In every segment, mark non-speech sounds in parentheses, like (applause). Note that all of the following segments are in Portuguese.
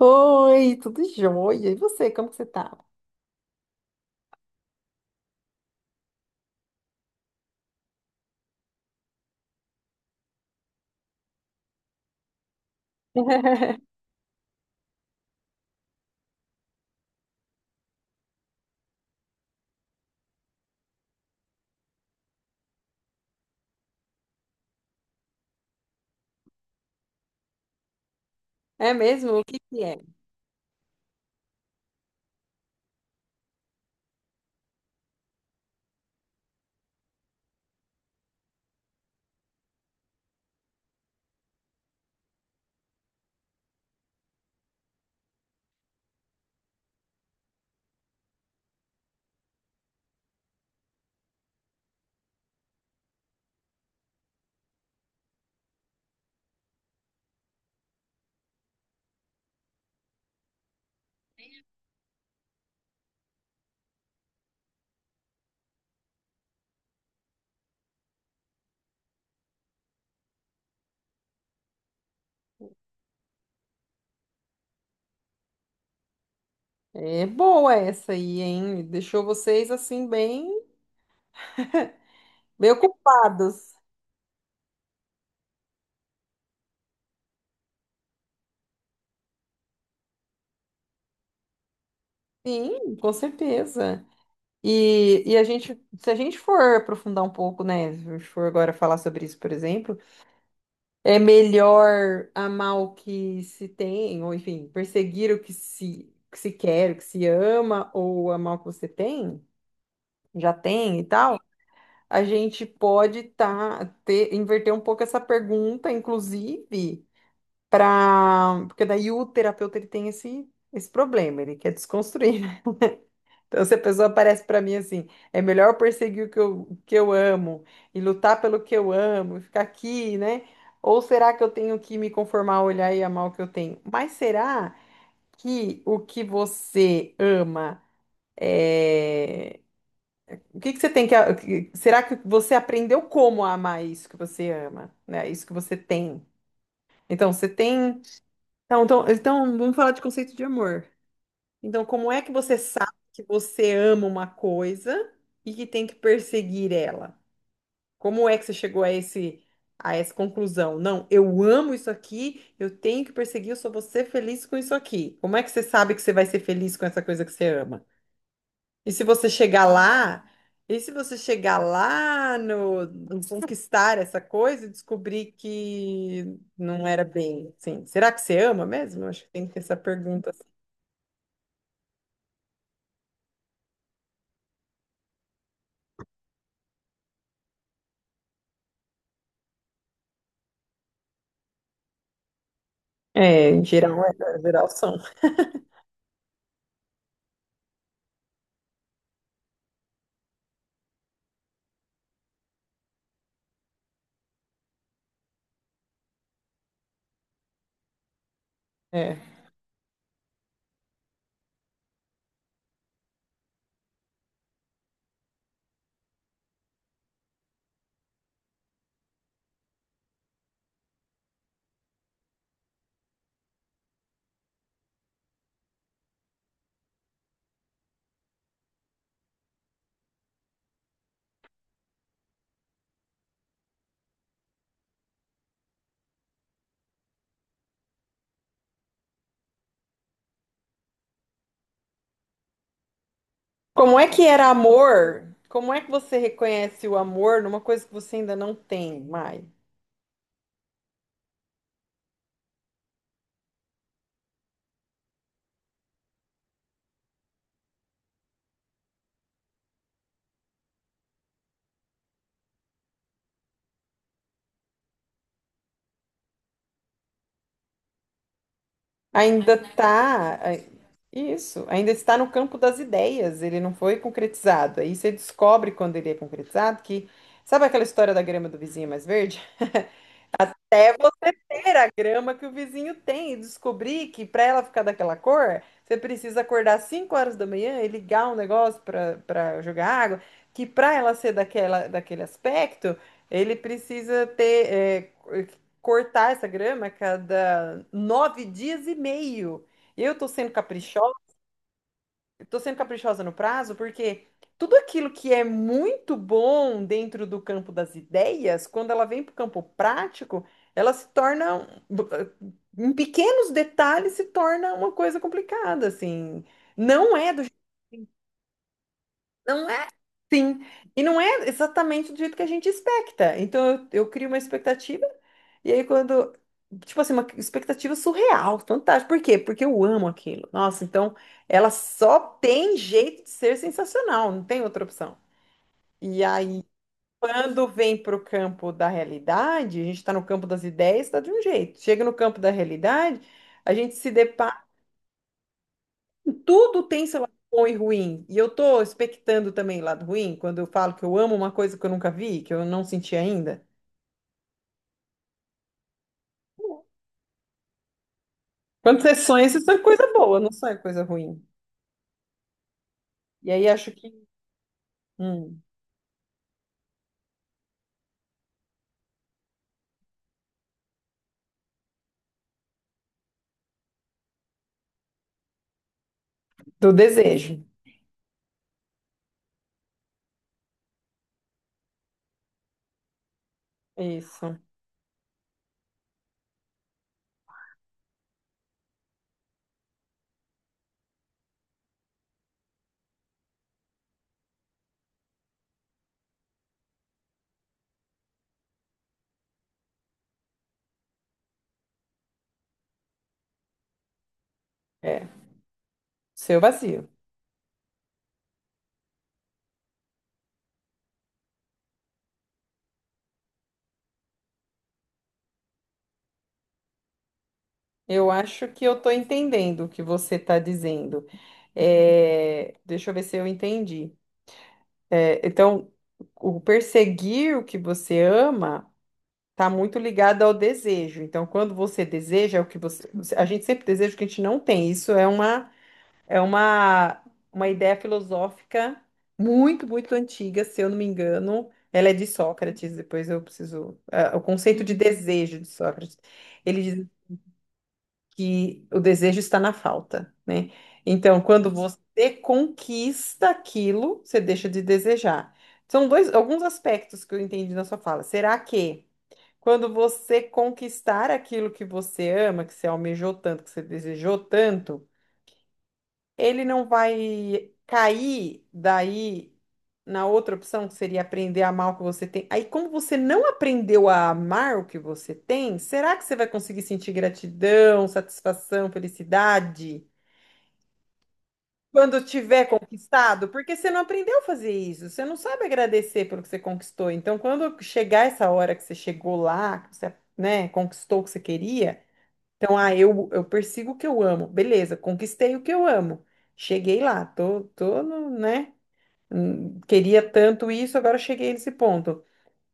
Oi, tudo jóia. E você, como que você tá? (laughs) É mesmo? O que que é? É boa essa aí, hein? Deixou vocês assim bem ocupados. Sim, com certeza. E a gente, se a gente for aprofundar um pouco, né? Se a gente for agora falar sobre isso, por exemplo, é melhor amar o que se tem, ou enfim, perseguir o que se quer, o que se ama, ou amar o que você tem, já tem e tal. A gente pode inverter um pouco essa pergunta, inclusive, para. Porque daí o terapeuta ele tem esse problema, ele quer desconstruir, né? (laughs) Então, se a pessoa aparece para mim assim, é melhor perseguir o que eu amo e lutar pelo que eu amo, e ficar aqui, né? Ou será que eu tenho que me conformar, olhar e amar o que eu tenho? Mas será que o que você ama eh, o que que você tem que. Será que você aprendeu como a amar isso que você ama, né? Isso que você tem. Então, você tem. Então, vamos falar de conceito de amor. Então, como é que você sabe que você ama uma coisa e que tem que perseguir ela? Como é que você chegou a a essa conclusão? Não, eu amo isso aqui, eu tenho que perseguir, eu só vou ser feliz com isso aqui. Como é que você sabe que você vai ser feliz com essa coisa que você ama? E se você chegar lá, e se você chegar lá, no conquistar essa coisa e descobrir que não era bem assim, será que você ama mesmo? Acho que tem que ter essa pergunta assim. Em geral são. É. Como é que era amor? Como é que você reconhece o amor numa coisa que você ainda não tem mais? Ainda está. Isso, ainda está no campo das ideias, ele não foi concretizado. Aí você descobre quando ele é concretizado que. Sabe aquela história da grama do vizinho é mais verde? Até você ter a grama que o vizinho tem e descobrir que para ela ficar daquela cor, você precisa acordar 5 horas da manhã e ligar um negócio para jogar água, que para ela ser daquele aspecto, ele precisa ter cortar essa grama a cada 9 dias e meio. Eu tô sendo caprichosa. Tô sendo caprichosa no prazo porque tudo aquilo que é muito bom dentro do campo das ideias, quando ela vem para o campo prático, ela se torna, um- em pequenos detalhes, se torna uma coisa complicada, assim. Não é do, não Sim, e não é exatamente do jeito que a gente expecta. Eu crio uma expectativa, e aí quando. Tipo assim, uma expectativa surreal, fantástica. Por quê? Porque eu amo aquilo. Nossa, então ela só tem jeito de ser sensacional, não tem outra opção. E aí, quando vem para o campo da realidade, a gente está no campo das ideias, tá de um jeito. Chega no campo da realidade, a gente se depara. Tudo tem seu lado bom e ruim. E eu tô expectando também lado ruim, quando eu falo que eu amo uma coisa que eu nunca vi, que eu não senti ainda. Quando você sonha coisa boa, não sonha coisa ruim. E aí acho que. Hum, do desejo. Isso. É. Seu vazio. Eu acho que eu tô entendendo o que você tá dizendo. É, deixa eu ver se eu entendi. É, então, o perseguir o que você ama. Tá muito ligada ao desejo. Então, quando você deseja, é o que você, a gente sempre deseja o que a gente não tem. Isso é uma ideia filosófica muito antiga, se eu não me engano. Ela é de Sócrates, depois eu preciso. É, o conceito de desejo de Sócrates. Ele diz que o desejo está na falta, né? Então, quando você conquista aquilo, você deixa de desejar. Alguns aspectos que eu entendi na sua fala. Será que quando você conquistar aquilo que você ama, que você almejou tanto, que você desejou tanto, ele não vai cair daí na outra opção, que seria aprender a amar o que você tem. Aí, como você não aprendeu a amar o que você tem, será que você vai conseguir sentir gratidão, satisfação, felicidade? Quando tiver conquistado, porque você não aprendeu a fazer isso, você não sabe agradecer pelo que você conquistou. Então, quando chegar essa hora que você chegou lá, que você, né, conquistou o que você queria, então, eu persigo o que eu amo. Beleza, conquistei o que eu amo. Cheguei lá, tô no, né? Queria tanto isso, agora cheguei nesse ponto.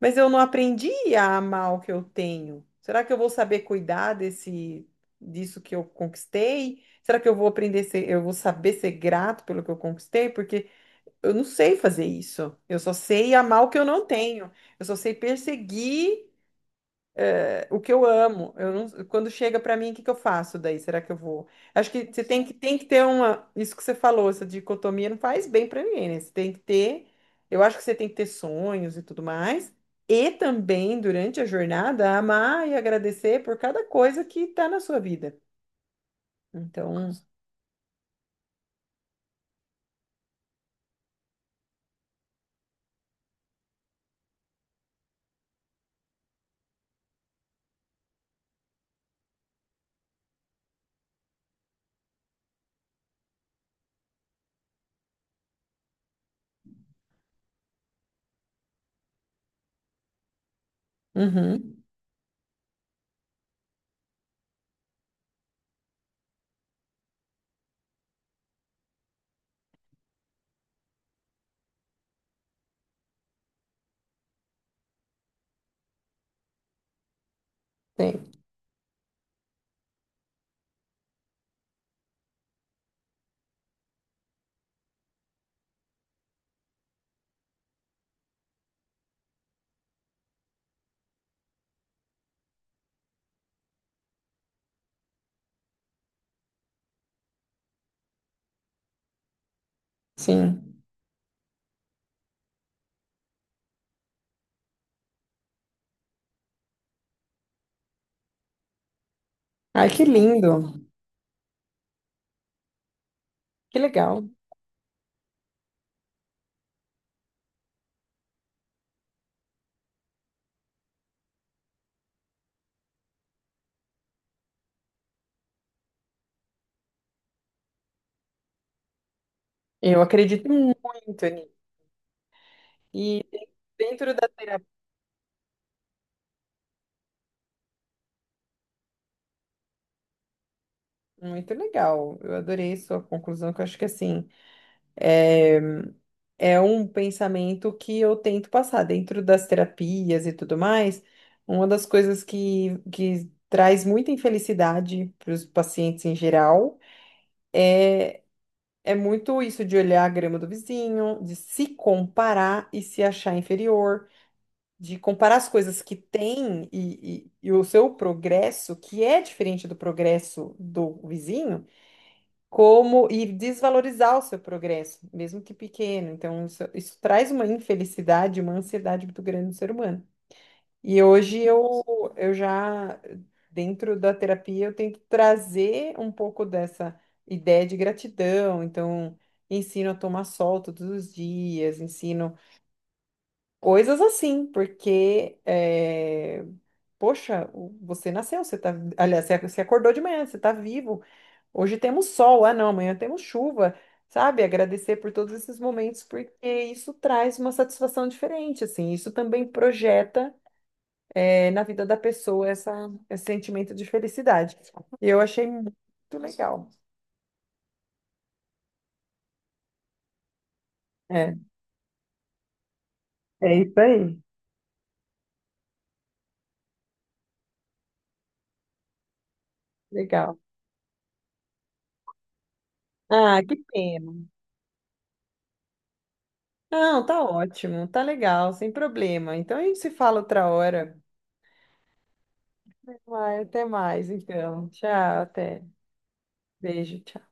Mas eu não aprendi a amar o que eu tenho. Será que eu vou saber cuidar desse, disso que eu conquistei? Será que eu vou eu vou saber ser grato pelo que eu conquistei? Porque eu não sei fazer isso. Eu só sei amar o que eu não tenho. Eu só sei perseguir o que eu amo, eu não- quando chega pra mim, o que que eu faço daí? Será que eu vou? Acho que você tem que ter uma, isso que você falou, essa dicotomia não faz bem pra ninguém, né? Você tem que ter, eu acho que você tem que ter sonhos e tudo mais, e também durante a jornada amar e agradecer por cada coisa que tá na sua vida. Então, uhum, tem, sim. Ai, que lindo, que legal. Eu acredito muito, Ani. E dentro da terapia. Muito legal. Eu adorei sua conclusão, que eu acho que assim, é um pensamento que eu tento passar dentro das terapias e tudo mais. Uma das coisas que traz muita infelicidade para os pacientes em geral é muito isso de olhar a grama do vizinho, de se comparar e se achar inferior, de comparar as coisas que tem e o seu progresso, que é diferente do progresso do vizinho como e desvalorizar o seu progresso, mesmo que pequeno. Então, isso traz uma infelicidade, uma ansiedade muito grande no ser humano. E hoje eu já, dentro da terapia, eu tento trazer um pouco dessa ideia de gratidão. Então, ensino a tomar sol todos os dias, ensino coisas assim, porque, poxa, você nasceu, você tá, aliás, você acordou de manhã, você está vivo. Hoje temos sol, ah não, amanhã temos chuva, sabe? Agradecer por todos esses momentos, porque isso traz uma satisfação diferente, assim. Isso também projeta, na vida da pessoa esse sentimento de felicidade. E eu achei muito legal. É, é isso aí. Legal. Ah, que pena. Não, tá ótimo, tá legal, sem problema. Então a gente se fala outra hora. Vai, até mais, então. Tchau, até. Beijo, tchau.